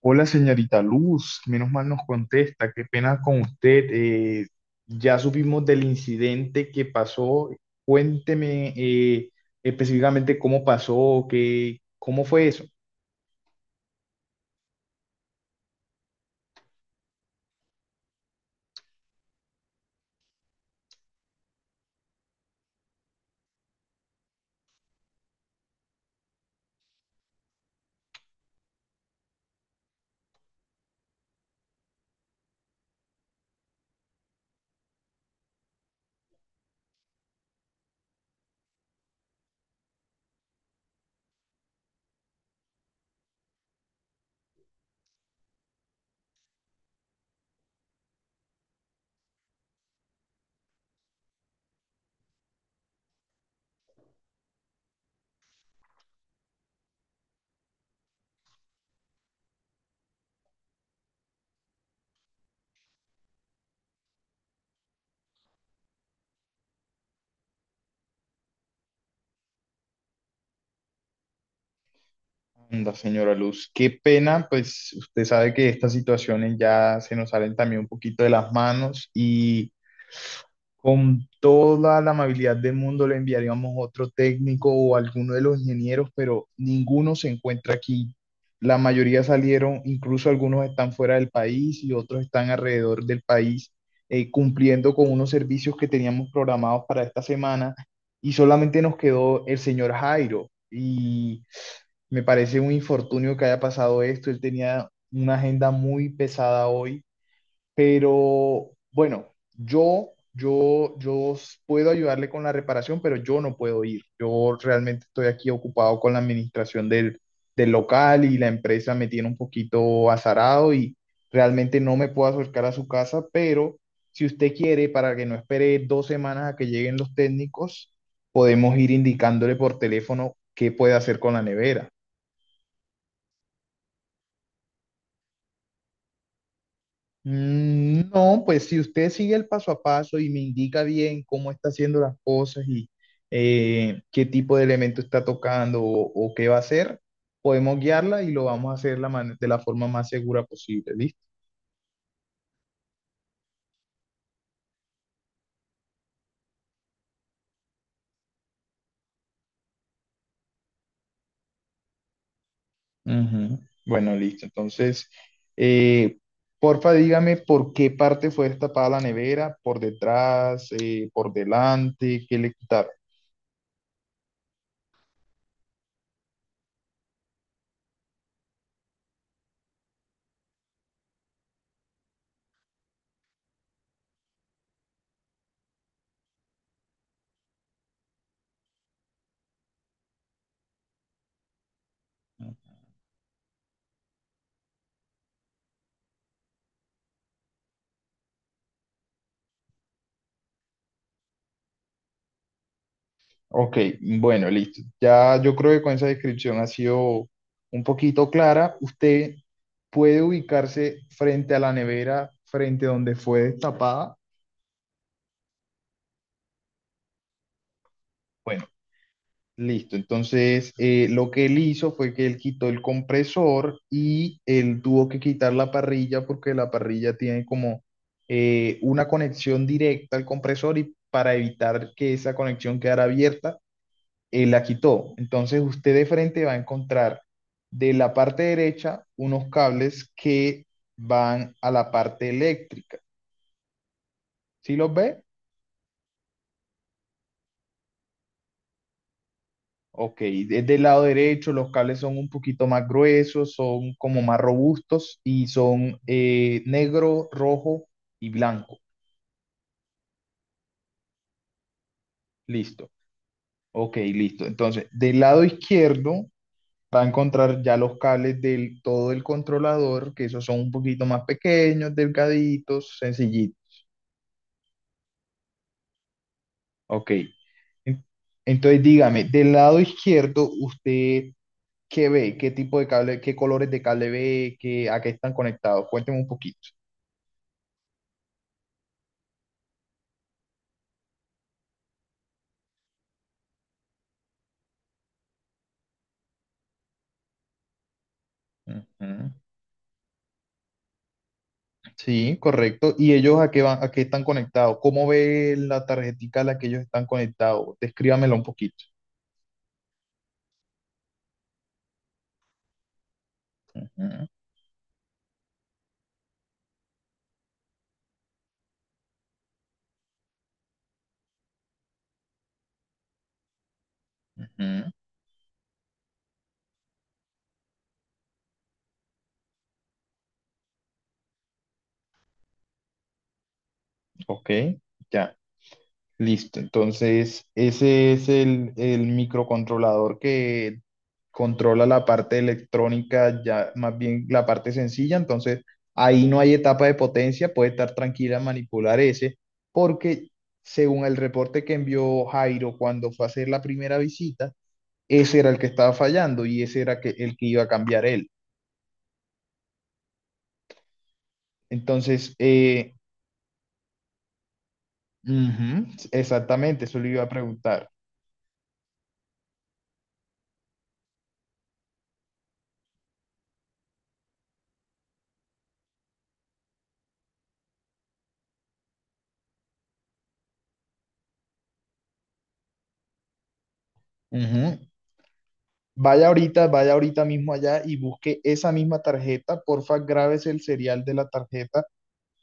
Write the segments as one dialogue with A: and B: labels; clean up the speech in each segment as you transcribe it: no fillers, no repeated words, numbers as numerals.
A: Hola, señorita Luz, menos mal nos contesta, qué pena con usted. Ya supimos del incidente que pasó. Cuénteme, específicamente cómo pasó, qué, cómo fue eso. Anda, señora Luz, qué pena, pues usted sabe que estas situaciones ya se nos salen también un poquito de las manos. Y con toda la amabilidad del mundo le enviaríamos otro técnico o alguno de los ingenieros, pero ninguno se encuentra aquí. La mayoría salieron, incluso algunos están fuera del país y otros están alrededor del país, cumpliendo con unos servicios que teníamos programados para esta semana, y solamente nos quedó el señor Jairo. Y me parece un infortunio que haya pasado esto. Él tenía una agenda muy pesada hoy, pero bueno, yo puedo ayudarle con la reparación, pero yo no puedo ir. Yo realmente estoy aquí ocupado con la administración del local, y la empresa me tiene un poquito azarado y realmente no me puedo acercar a su casa, pero si usted quiere, para que no espere 2 semanas a que lleguen los técnicos, podemos ir indicándole por teléfono qué puede hacer con la nevera. Mm, no, pues si usted sigue el paso a paso y me indica bien cómo está haciendo las cosas y qué tipo de elemento está tocando o qué va a hacer, podemos guiarla y lo vamos a hacer la man- de la forma más segura posible, ¿listo? Ujú. Bueno, listo. Entonces, eh, porfa, dígame por qué parte fue destapada la nevera, por detrás, por delante, qué le quitaron. Ok, bueno, listo. Ya yo creo que con esa descripción ha sido un poquito clara. Usted puede ubicarse frente a la nevera, frente a donde fue destapada. Bueno, listo. Entonces, lo que él hizo fue que él quitó el compresor, y él tuvo que quitar la parrilla porque la parrilla tiene como una conexión directa al compresor, y para evitar que esa conexión quedara abierta, la quitó. Entonces usted de frente va a encontrar de la parte derecha unos cables que van a la parte eléctrica. ¿Sí los ve? Ok, desde el lado derecho los cables son un poquito más gruesos, son como más robustos y son, negro, rojo y blanco. Listo. Ok, listo. Entonces, del lado izquierdo va a encontrar ya los cables del todo el controlador, que esos son un poquito más pequeños, delgaditos, sencillitos. Ok. En- Entonces dígame, del lado izquierdo, ¿usted qué ve? ¿Qué tipo de cable, qué colores de cable ve? ¿Qué, a qué están conectados? Cuénteme un poquito. Ujú. Sí, correcto. ¿Y ellos a qué van, a qué están conectados? ¿Cómo ve la tarjetica a la que ellos están conectados? Descríbamela un poquito. Ujú, ujú. Ok, ya. Listo, entonces ese es el microcontrolador que controla la parte electrónica, ya más bien la parte sencilla. Entonces ahí no hay etapa de potencia, puede estar tranquila en manipular ese, porque según el reporte que envió Jairo cuando fue a hacer la primera visita, ese era el que estaba fallando y ese era que, el que iba a cambiar él. Entonces, ujú, exactamente, eso le iba a preguntar. Ujú. Vaya ahorita mismo allá y busque esa misma tarjeta. Porfa, grábese el serial de la tarjeta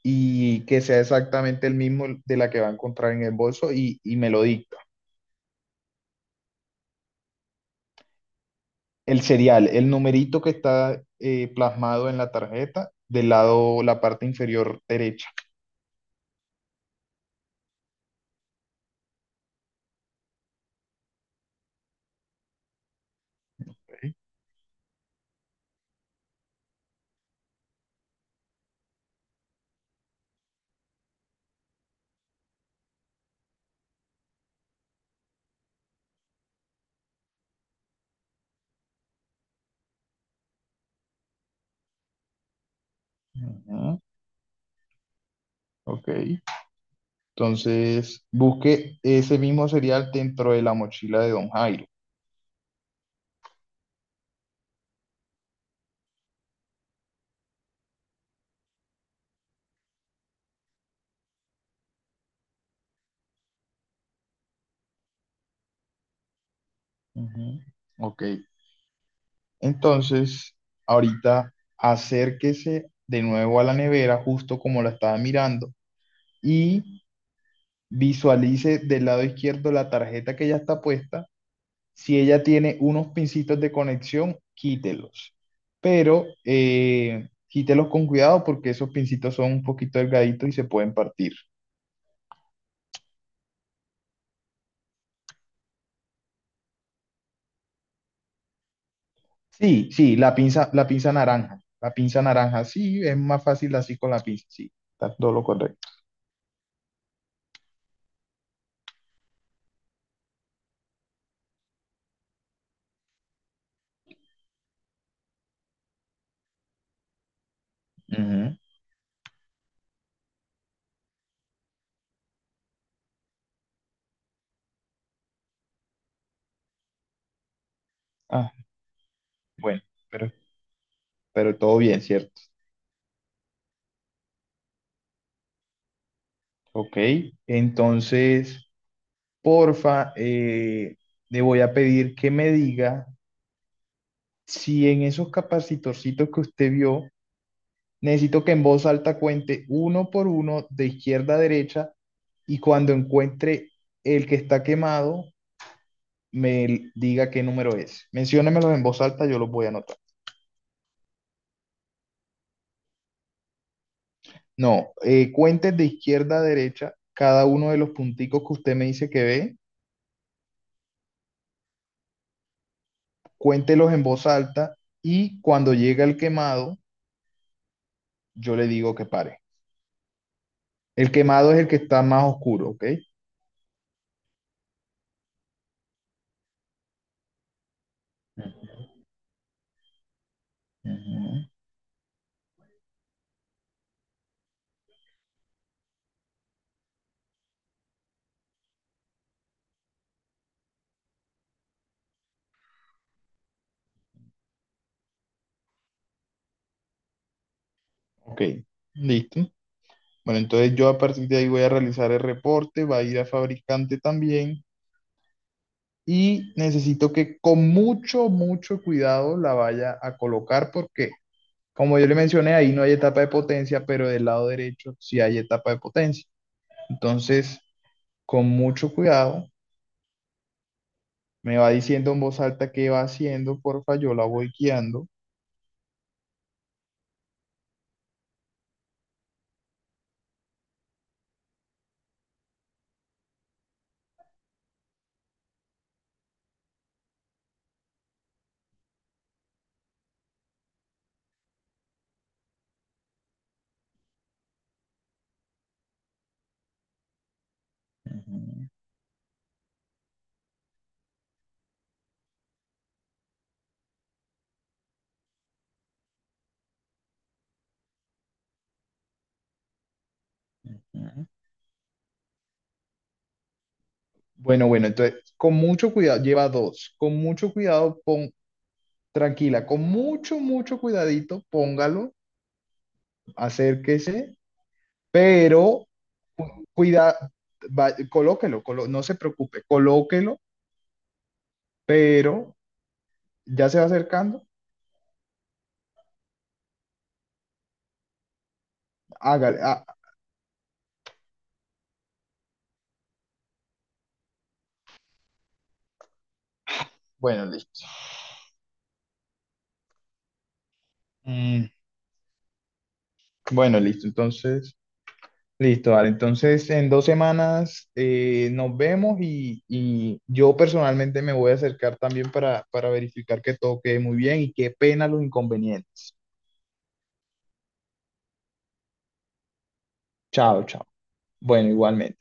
A: y que sea exactamente el mismo de la que va a encontrar en el bolso, y me lo dicta. El serial, el numerito que está, plasmado en la tarjeta del lado, la parte inferior derecha. Ujú. Ok. Entonces, busque ese mismo serial dentro de la mochila de Don Jairo. Ujú. Ok. Entonces, ahorita acérquese de nuevo a la nevera, justo como la estaba mirando, y visualice del lado izquierdo la tarjeta que ya está puesta. Si ella tiene unos pincitos de conexión, quítelos, pero quítelos con cuidado porque esos pincitos son un poquito delgaditos y se pueden partir. Sí, sí, la pinza naranja, sí, es más fácil así con la pinza, sí, está todo lo correcto. Ujú. Ah, bueno, pero todo bien, ¿cierto? Ok, entonces, porfa, le voy a pedir que me diga si en esos capacitorcitos que usted vio, necesito que en voz alta cuente uno por uno de izquierda a derecha, y cuando encuentre el que está quemado, diga qué número es. Menciónemelos en voz alta, yo los voy a anotar. No, cuente de izquierda a derecha cada uno de los punticos que usted me dice que ve, cuéntelos en voz alta, y cuando llega el quemado, yo le digo que pare. El quemado es el que está más oscuro, ¿ok? Ujú. Ok, listo. Bueno, entonces yo a partir de ahí voy a realizar el reporte, va a ir a fabricante también, y necesito que con mucho, mucho cuidado la vaya a colocar porque, como yo le mencioné, ahí no hay etapa de potencia, pero del lado derecho sí hay etapa de potencia. Entonces, con mucho cuidado, me va diciendo en voz alta qué va haciendo, porfa, yo la voy guiando. Ujú, ujú. Bueno, bueno, entonces, con mucho cuidado, lleva dos. Con mucho cuidado, pon, tranquila, con mucho, mucho cuidadito, póngalo, acérquese, pero cuida, va- colóquelo, colo- no se preocupe, colóquelo, pero ya se va acercando, hágale. Ah, bueno, listo. Mm, bueno, listo, entonces. Listo, vale. Entonces, en 2 semanas, nos vemos, y yo personalmente me voy a acercar también para verificar que todo quede muy bien, y qué pena los inconvenientes. Chao, chao. Bueno, igualmente.